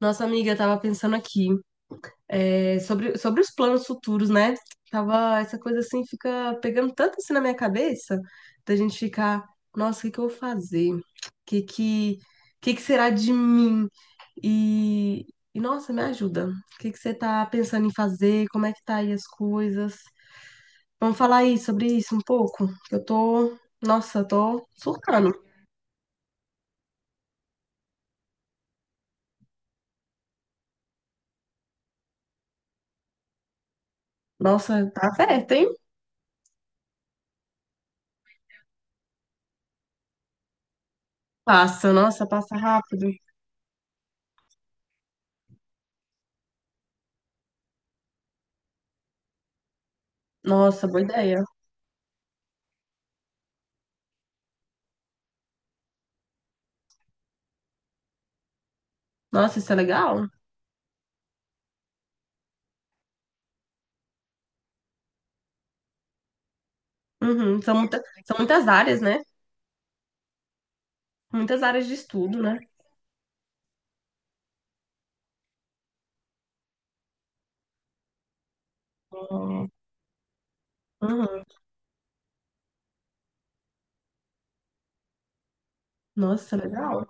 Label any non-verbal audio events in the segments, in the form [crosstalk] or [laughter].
Nossa amiga, eu tava pensando aqui, sobre os planos futuros, né? Tava, essa coisa assim fica pegando tanto assim na minha cabeça, da gente ficar, nossa, o que que eu vou fazer? O que que será de mim? E, nossa, me ajuda. O que que você tá pensando em fazer? Como é que tá aí as coisas? Vamos falar aí sobre isso um pouco? Que eu tô, nossa, eu tô surtando. Nossa, tá certo, hein? Passa, nossa, passa rápido. Nossa, boa ideia. Nossa, isso é legal. Uhum. São muitas áreas, né? Muitas áreas de estudo, né? É. Uhum. Nossa, legal.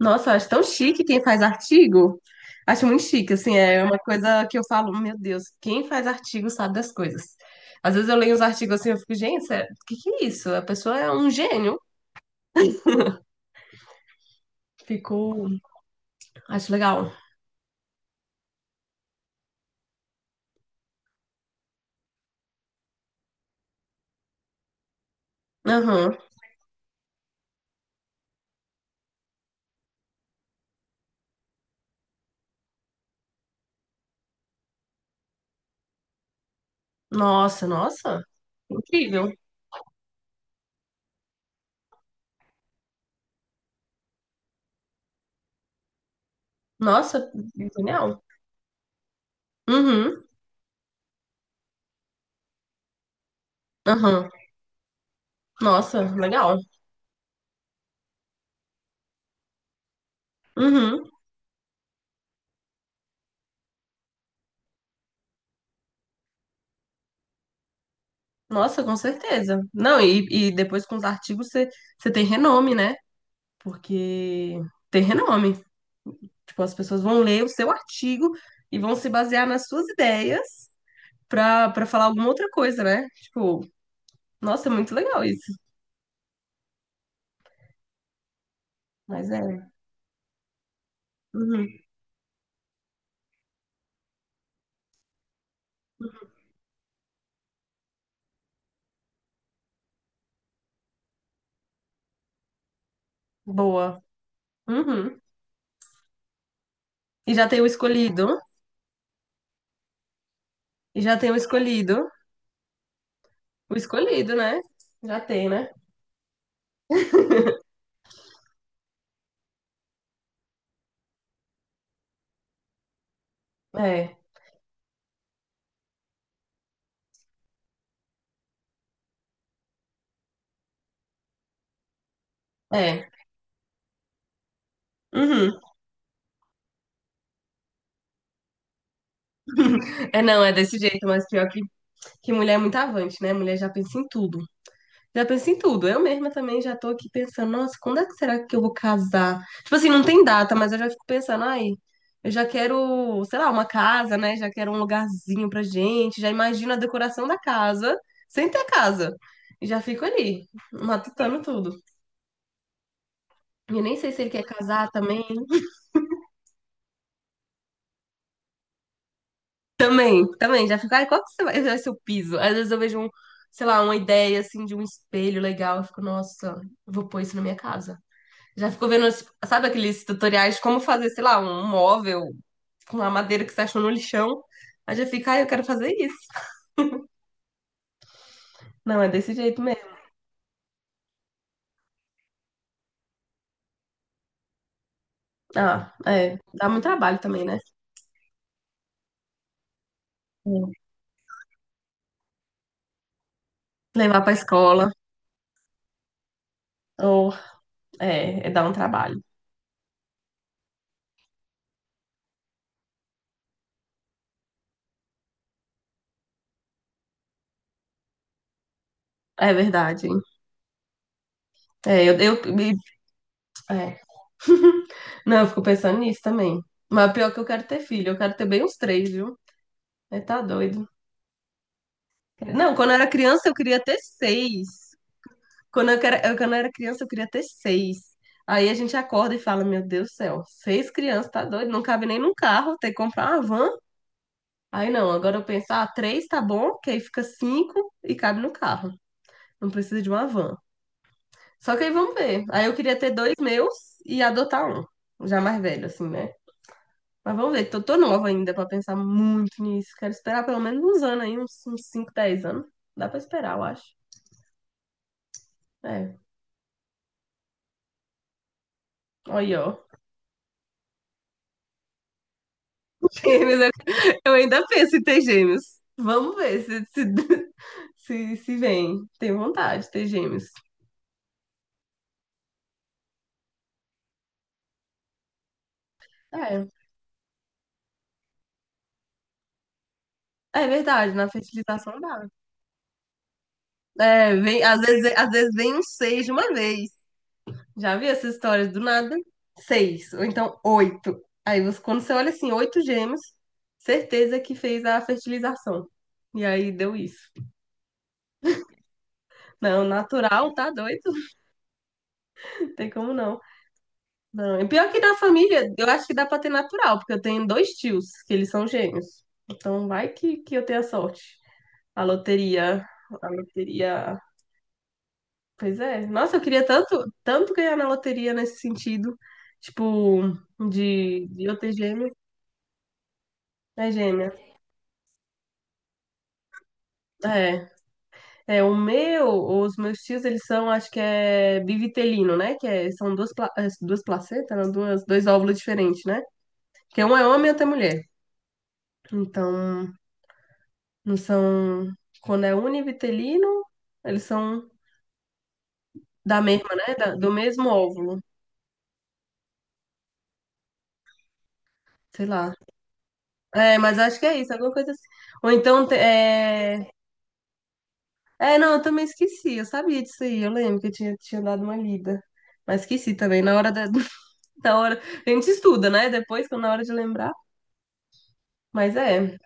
Nossa, eu acho tão chique quem faz artigo. Acho muito chique, assim, é uma coisa que eu falo, meu Deus, quem faz artigo sabe das coisas. Às vezes eu leio os artigos assim, eu fico, gente, sério, o que que é isso? A pessoa é um gênio. Ficou, acho legal. Aham. Nossa, nossa, incrível. Nossa, genial. Uhum, aham. Nossa, legal. Uhum. Nossa, com certeza. Não, e depois com os artigos você tem renome, né? Porque tem renome. Tipo, as pessoas vão ler o seu artigo e vão se basear nas suas ideias pra falar alguma outra coisa, né? Tipo, nossa, é muito legal isso. Mas é. Uhum. Boa. Uhum. E já tem o escolhido. E já tem o escolhido. O escolhido, né? Já tem, né? É. É. Uhum. É, não, é desse jeito, mas pior que mulher é muito avante, né? Mulher já pensa em tudo. Já pensei em tudo. Eu mesma também já tô aqui pensando, nossa, quando é que será que eu vou casar? Tipo assim, não tem data, mas eu já fico pensando, ai, eu já quero, sei lá, uma casa, né? Já quero um lugarzinho pra gente, já imagino a decoração da casa, sem ter a casa. E já fico ali, matutando tudo. E eu nem sei se ele quer casar também. Também, também, já fico, ai, qual que vai ser o piso? Às vezes eu vejo um, sei lá, uma ideia assim de um espelho legal, eu fico, nossa, vou pôr isso na minha casa. Já ficou vendo, sabe aqueles tutoriais de como fazer, sei lá, um móvel com uma madeira que você achou no lixão? Aí já fica, ah, eu quero fazer isso. Não, é desse jeito mesmo. Ah, é, dá muito trabalho também, né? Sim. Levar pra escola, ou, é dar um trabalho. É verdade. É, é. [laughs] Não, eu fico pensando nisso também. Mas pior é que eu quero ter filho, eu quero ter bem uns três, viu? É, tá doido. Não, quando eu era criança eu queria ter seis. Quando eu era criança, eu queria ter seis. Aí a gente acorda e fala, meu Deus do céu, seis crianças, tá doido? Não cabe nem num carro, tem que comprar uma van. Aí não, agora eu penso, ah, três tá bom, que aí fica cinco e cabe no carro. Não precisa de uma van. Só que aí vamos ver. Aí eu queria ter dois meus e adotar um, já mais velho, assim, né? Mas vamos ver, tô nova ainda pra pensar muito nisso. Quero esperar pelo menos uns anos aí, uns 5 10 anos. Dá pra esperar, eu acho. É, olha aí, ó. [laughs] Eu ainda penso em ter gêmeos. Vamos ver se, se, [laughs] se vem. Tenho vontade de ter gêmeos. É, é verdade, na fertilização dá. É, vem, às vezes vem um seis de uma vez. Já vi essas histórias do nada? Seis, ou então oito. Quando você olha assim, oito gêmeos, certeza que fez a fertilização. E aí deu isso. Não, natural, tá doido? [laughs] Não tem como não. Não, e pior que da família, eu acho que dá pra ter natural, porque eu tenho dois tios, que eles são gêmeos. Então vai que eu tenha sorte. A loteria, a loteria. Pois é. Nossa, eu queria tanto, tanto ganhar na loteria nesse sentido. Tipo, de eu ter gêmeo. É gêmea. É. É, os meus tios, eles são, acho que é bivitelino, né? Que é, são duas, duas placentas, não, duas, dois óvulos diferentes, né? Que um é homem e outro é mulher. Então, não são. Quando é univitelino, eles são da mesma, né? Do mesmo óvulo. Sei lá. É, mas acho que é isso, alguma coisa assim. Ou então. É, é não, eu também esqueci. Eu sabia disso aí. Eu lembro que eu tinha dado uma lida. Mas esqueci também. Na hora da, [laughs] da hora. A gente estuda, né? Depois, quando na hora de lembrar. Mas é.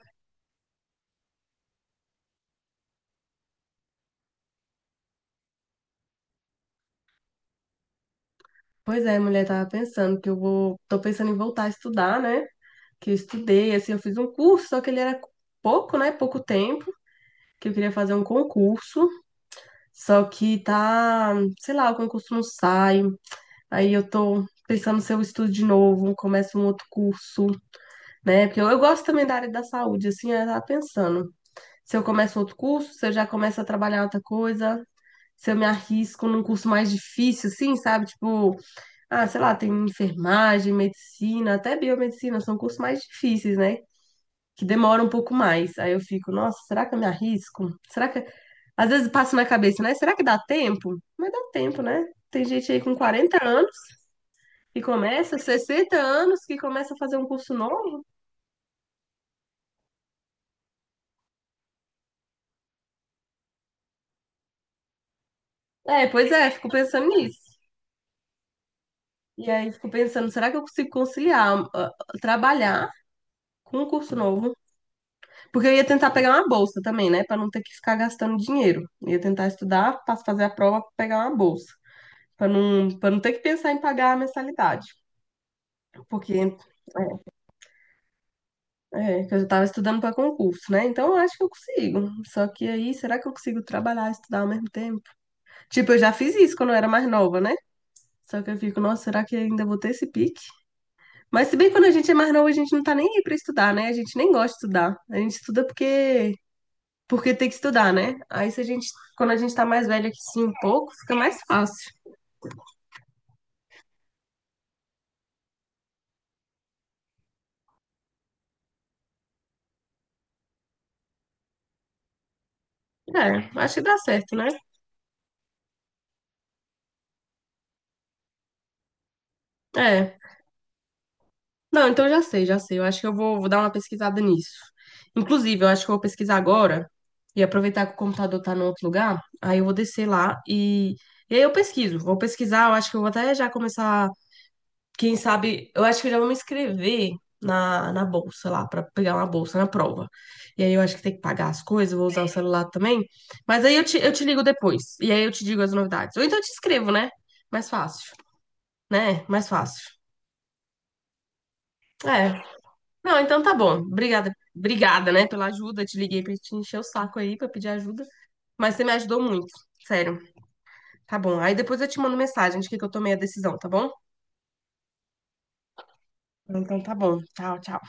Pois é, mulher, tava pensando que eu vou. Tô pensando em voltar a estudar, né? Que eu estudei, assim, eu fiz um curso, só que ele era pouco, né? Pouco tempo, que eu queria fazer um concurso. Só que tá, sei lá, o concurso não sai. Aí eu tô pensando se eu estudo de novo, começo um outro curso, né? Porque eu gosto também da área da saúde, assim, eu tava pensando. Se eu começo outro curso, se eu já começo a trabalhar outra coisa, se eu me arrisco num curso mais difícil, assim, sabe? Tipo, ah, sei lá, tem enfermagem, medicina, até biomedicina, são cursos mais difíceis, né? Que demoram um pouco mais. Aí eu fico, nossa, será que eu me arrisco? Será que às vezes passa na cabeça, né? Será que dá tempo? Mas dá tempo, né? Tem gente aí com 40 anos que começa, 60 anos que começa a fazer um curso novo. É, pois é, fico pensando nisso. E aí fico pensando, será que eu consigo conciliar, ah, trabalhar com um curso novo? Porque eu ia tentar pegar uma bolsa também, né? Pra não ter que ficar gastando dinheiro. Eu ia tentar estudar, pra fazer a prova, pegar uma bolsa. Pra não, para não ter que pensar em pagar a mensalidade. Porque É, que eu já tava estudando para concurso, né? Então eu acho que eu consigo. Só que aí, será que eu consigo trabalhar e estudar ao mesmo tempo? Tipo, eu já fiz isso quando eu era mais nova, né? Só que eu fico, nossa, será que ainda vou ter esse pique? Mas se bem que quando a gente é mais nova, a gente não tá nem aí pra estudar, né? A gente nem gosta de estudar. A gente estuda porque tem que estudar, né? Aí se a gente, quando a gente tá mais velha que sim, um pouco, fica mais fácil. É, acho que dá certo, né? É. Não, então eu já sei, já sei. Eu acho que eu vou dar uma pesquisada nisso. Inclusive, eu acho que eu vou pesquisar agora e aproveitar que o computador tá no outro lugar. Aí eu vou descer lá e aí eu pesquiso. Vou pesquisar, eu acho que eu vou até já começar. Quem sabe, eu acho que eu já vou me inscrever na bolsa lá, pra pegar uma bolsa na prova. E aí eu acho que tem que pagar as coisas, vou usar o celular também. Mas aí eu te ligo depois. E aí eu te digo as novidades. Ou então eu te escrevo, né? Mais fácil, né? Mais fácil. É, não, então tá bom. Obrigada, obrigada, né, pela ajuda. Te liguei pra te encher o saco aí, pra pedir ajuda. Mas você me ajudou muito, sério. Tá bom. Aí depois eu te mando mensagem de que eu tomei a decisão, tá bom? Então tá bom. Tchau, tchau.